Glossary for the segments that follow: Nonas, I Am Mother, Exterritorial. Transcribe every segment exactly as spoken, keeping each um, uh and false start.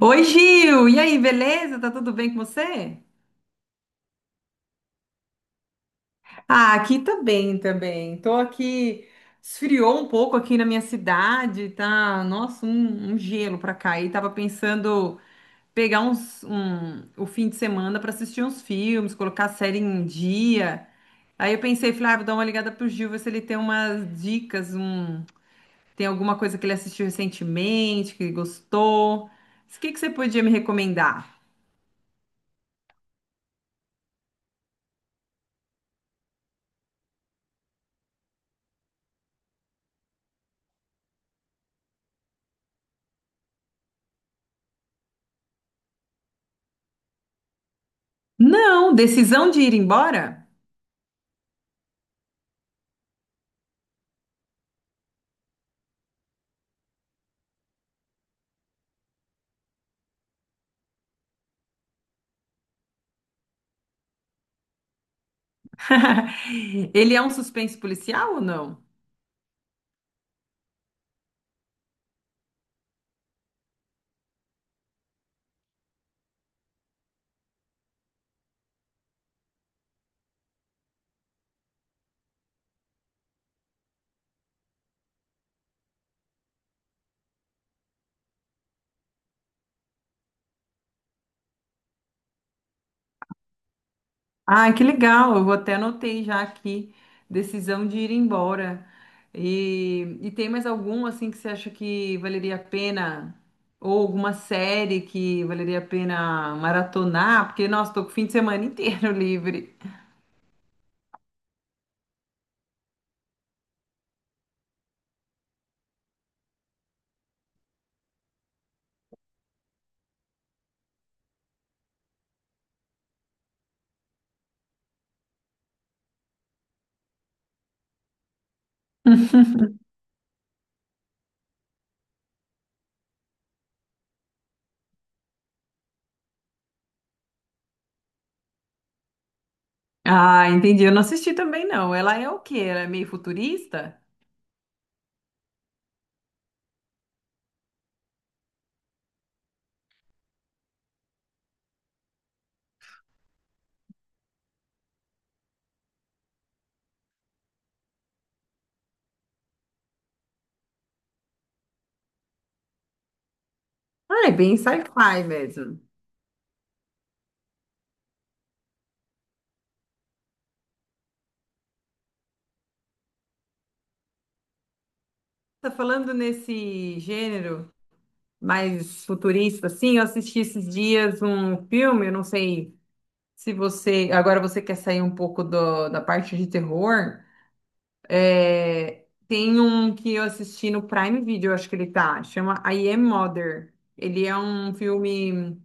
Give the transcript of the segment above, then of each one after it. Oi, Gil! E aí, beleza? Tá tudo bem com você? Ah, aqui também, também. Tô aqui, esfriou um pouco aqui na minha cidade, tá? Nossa, um, um gelo pra cá. E tava pensando pegar uns, um, o fim de semana pra assistir uns filmes, colocar a série em dia. Aí eu pensei, falei, ah, vou dar uma ligada pro Gil, ver se ele tem umas dicas, um, tem alguma coisa que ele assistiu recentemente, que ele gostou. O que que você podia me recomendar? Não, decisão de ir embora? Ele é um suspense policial ou não? Ah, que legal! Eu até anotei já aqui, decisão de ir embora. E, e tem mais algum assim que você acha que valeria a pena? Ou alguma série que valeria a pena maratonar? Porque, nossa, tô com o fim de semana inteiro livre. Ah, entendi. Eu não assisti também, não. Ela é o quê? Ela é meio futurista? Ah, é bem sci-fi mesmo. Tá falando nesse gênero? Mais futurista, assim. Eu assisti esses dias um filme, eu não sei se você. Agora você quer sair um pouco do- da parte de terror. É, tem um que eu assisti no Prime Video, acho que ele tá, chama I Am Mother. Ele é um filme.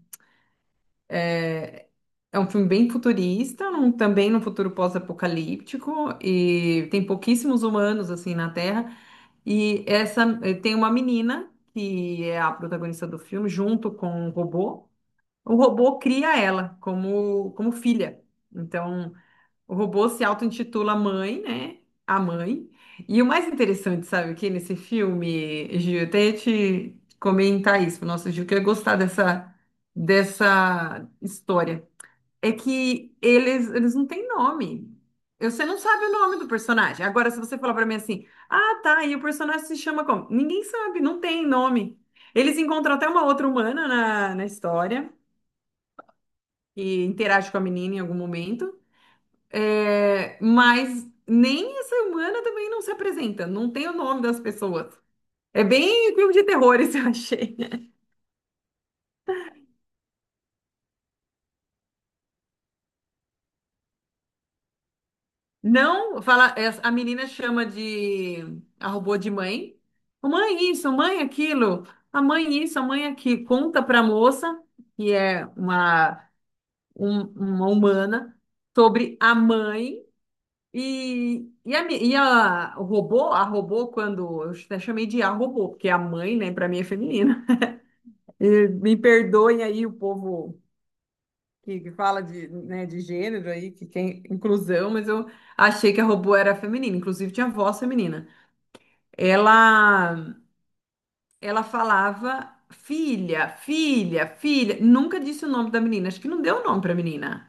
É um filme bem futurista, num- também num futuro pós-apocalíptico, e tem pouquíssimos humanos assim na Terra. E essa eh, tem uma menina que é a protagonista do filme, junto com um robô. O robô cria ela como, como filha. Então, o robô se auto-intitula mãe, né? A mãe. E o mais interessante, sabe, o que nesse filme, Gil, eu até ia te comentar isso, nossa, Gil, que eu ia gostar dessa, dessa história. É que eles, eles não têm nome. Eu- Você não sabe o nome do personagem. Agora, se você falar pra mim assim, ah, tá, e o personagem se chama como? Ninguém sabe, não tem nome. Eles encontram até uma outra humana na, na história que interage com a menina em algum momento, é, mas nem essa humana também não se apresenta, não tem o nome das pessoas. É bem filme de terror, isso eu achei. Não, fala, essa- a menina chama de a robô de mãe. "Ô, mãe isso, mãe aquilo, a mãe isso, a mãe aquilo." Conta para a moça, que é uma, um- uma humana, sobre a mãe. E, e, a, mi- e a o robô, a robô, quando eu até chamei de a robô, porque a mãe, né, para mim é feminina. E me perdoem aí o povo que, que fala de, né, de gênero aí, que tem inclusão, mas eu achei que a robô era feminina, inclusive tinha voz feminina. Ela, ela falava filha, filha, filha, nunca disse o nome da menina, acho que não deu o nome para menina.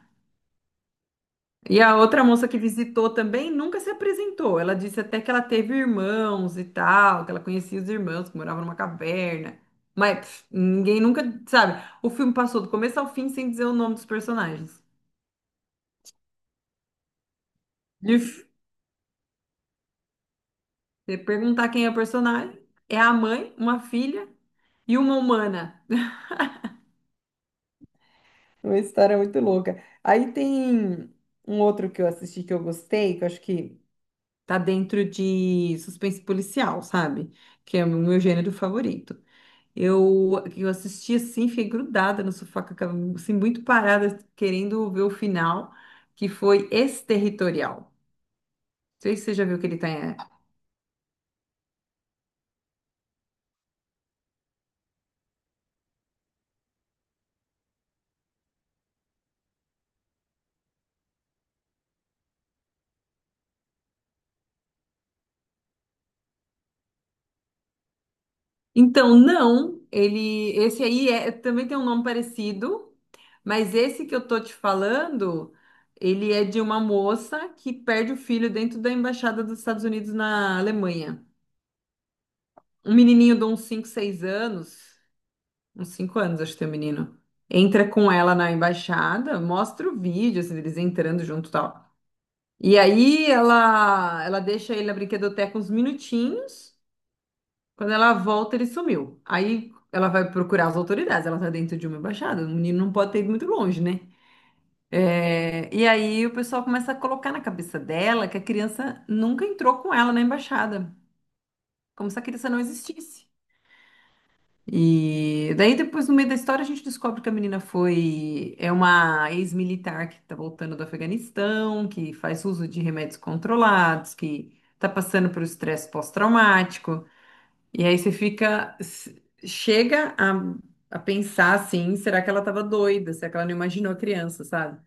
E a outra moça que visitou também nunca se apresentou. Ela disse até que ela teve irmãos e tal, que ela conhecia os irmãos, que moravam numa caverna. Mas pff, ninguém nunca, sabe? O filme passou do começo ao fim sem dizer o nome dos personagens. E f- Você perguntar quem é o personagem, é a mãe, uma filha e uma humana. Uma história muito louca. Aí tem um outro que eu assisti que eu gostei, que eu acho que tá dentro de suspense policial, sabe? Que é o meu gênero favorito. Eu, eu assisti assim, fiquei grudada no sofá, com aquela- assim, muito parada, querendo ver o final, que foi Exterritorial. Não sei se você já viu que ele tá em... É. Então, não, ele, esse aí é, também tem um nome parecido, mas esse que eu tô te falando, ele é de uma moça que perde o filho dentro da embaixada dos Estados Unidos na Alemanha. Um menininho de uns cinco, seis anos. Uns cinco anos, acho que tem o menino. Entra com ela na embaixada, mostra o vídeo, assim, deles entrando junto e tal. E aí ela, ela deixa ele na brinquedoteca uns minutinhos. Quando ela volta, ele sumiu. Aí ela vai procurar as autoridades. Ela tá dentro de uma embaixada. O menino não pode ter ido muito longe, né? É, e aí o pessoal começa a colocar na cabeça dela que a criança nunca entrou com ela na embaixada. Como se a criança não existisse. E daí depois, no meio da história, a gente descobre que a menina foi é uma ex-militar que está voltando do Afeganistão, que faz uso de remédios controlados, que está passando por estresse pós-traumático. E aí você fica s- chega a, a pensar assim, será que ela estava doida? Será que ela não imaginou a criança, sabe?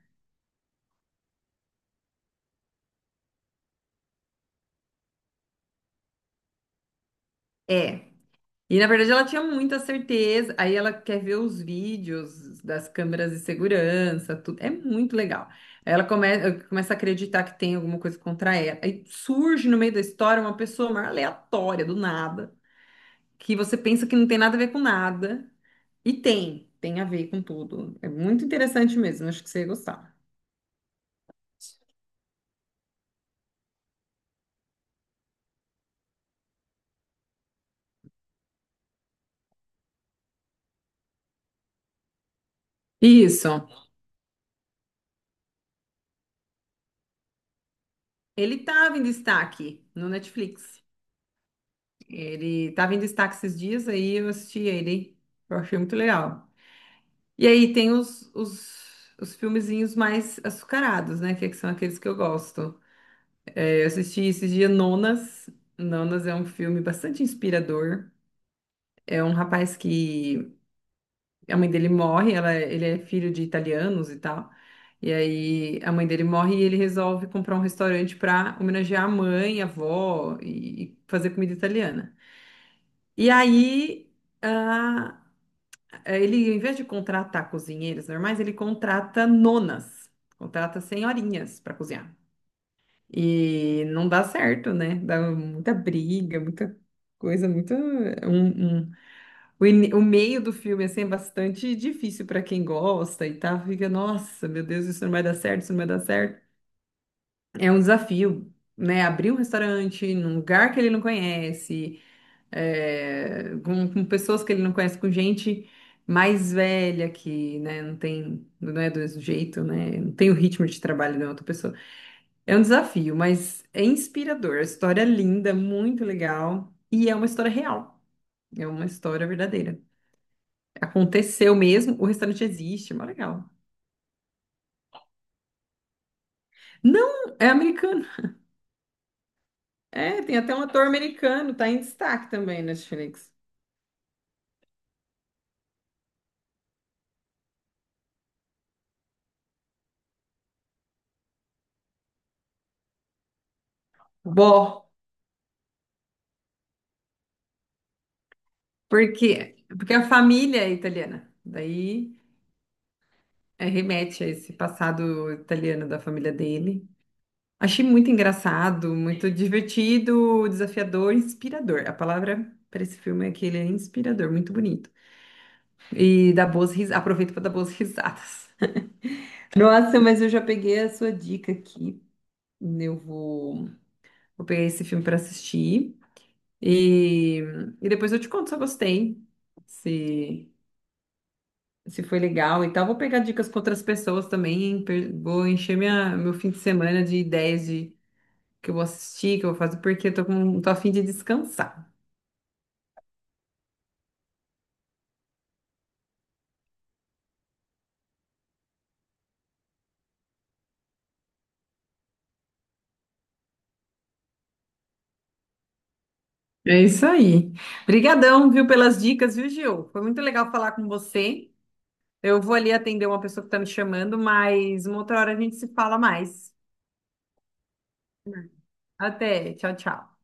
É. E na verdade ela tinha muita certeza. Aí ela quer ver os vídeos das câmeras de segurança, tudo. É muito legal. Aí ela come- eh, começa a acreditar que tem alguma coisa contra ela. Aí surge no meio da história uma pessoa mais aleatória, do nada, que você pensa que não tem nada a ver com nada. E tem, tem a ver com tudo. É muito interessante mesmo, acho que você ia gostar. Isso. Ele estava em destaque no Netflix. Ele estava em destaque esses dias, aí eu assisti ele. Eu achei muito legal. E aí tem os, os, os filmezinhos mais açucarados, né? Que são aqueles que eu gosto. É, eu assisti esse dia Nonas. Nonas é um filme bastante inspirador. É um rapaz que a mãe dele morre, ela, é- ele é filho de italianos e tal. E aí a mãe dele morre e ele resolve comprar um restaurante para homenagear a mãe, a avó e, e fazer comida italiana. E aí eh, ele, em vez de contratar cozinheiros normais, ele contrata nonas, contrata senhorinhas para cozinhar. E não dá certo, né? Dá muita briga, muita coisa, muita. um- um- O, ini- o meio do filme assim, é bastante difícil para quem gosta e tá, fica, nossa, meu Deus, isso não vai dar certo, isso não vai dar certo. É um desafio, né? Abrir um restaurante num lugar que ele não conhece é, com, com pessoas que ele não conhece, com gente mais velha que, né, não tem, não é do mesmo jeito, né, não tem o ritmo de trabalho de outra pessoa. É um desafio, mas é inspirador. A história é linda, muito legal e é uma história real. É uma história verdadeira. Aconteceu mesmo, o restaurante existe, é mó legal. Não, é americano. É, tem até um ator americano, tá em destaque também na Netflix. Bom, porque porque a família é italiana. Daí é, remete a esse passado italiano da família dele. Achei muito engraçado, muito divertido, desafiador, inspirador. A palavra para esse filme é que ele é inspirador, muito bonito. E dá boas risadas. Aproveito para dar boas risadas. Nossa, mas eu já peguei a sua dica aqui. Eu vou, vou pegar esse filme para assistir. E, e depois eu te conto se eu gostei. Se se foi legal e tal. Vou pegar dicas com outras pessoas também. per- Vou encher minha, meu fim de semana de ideias de que eu vou assistir, que eu vou fazer, porque eu tô com, tô a fim de descansar. É isso aí. Obrigadão, viu, pelas dicas, viu, Gil? Foi muito legal falar com você. Eu vou ali atender uma pessoa que tá me chamando, mas uma outra hora a gente se fala mais. Até, tchau, tchau.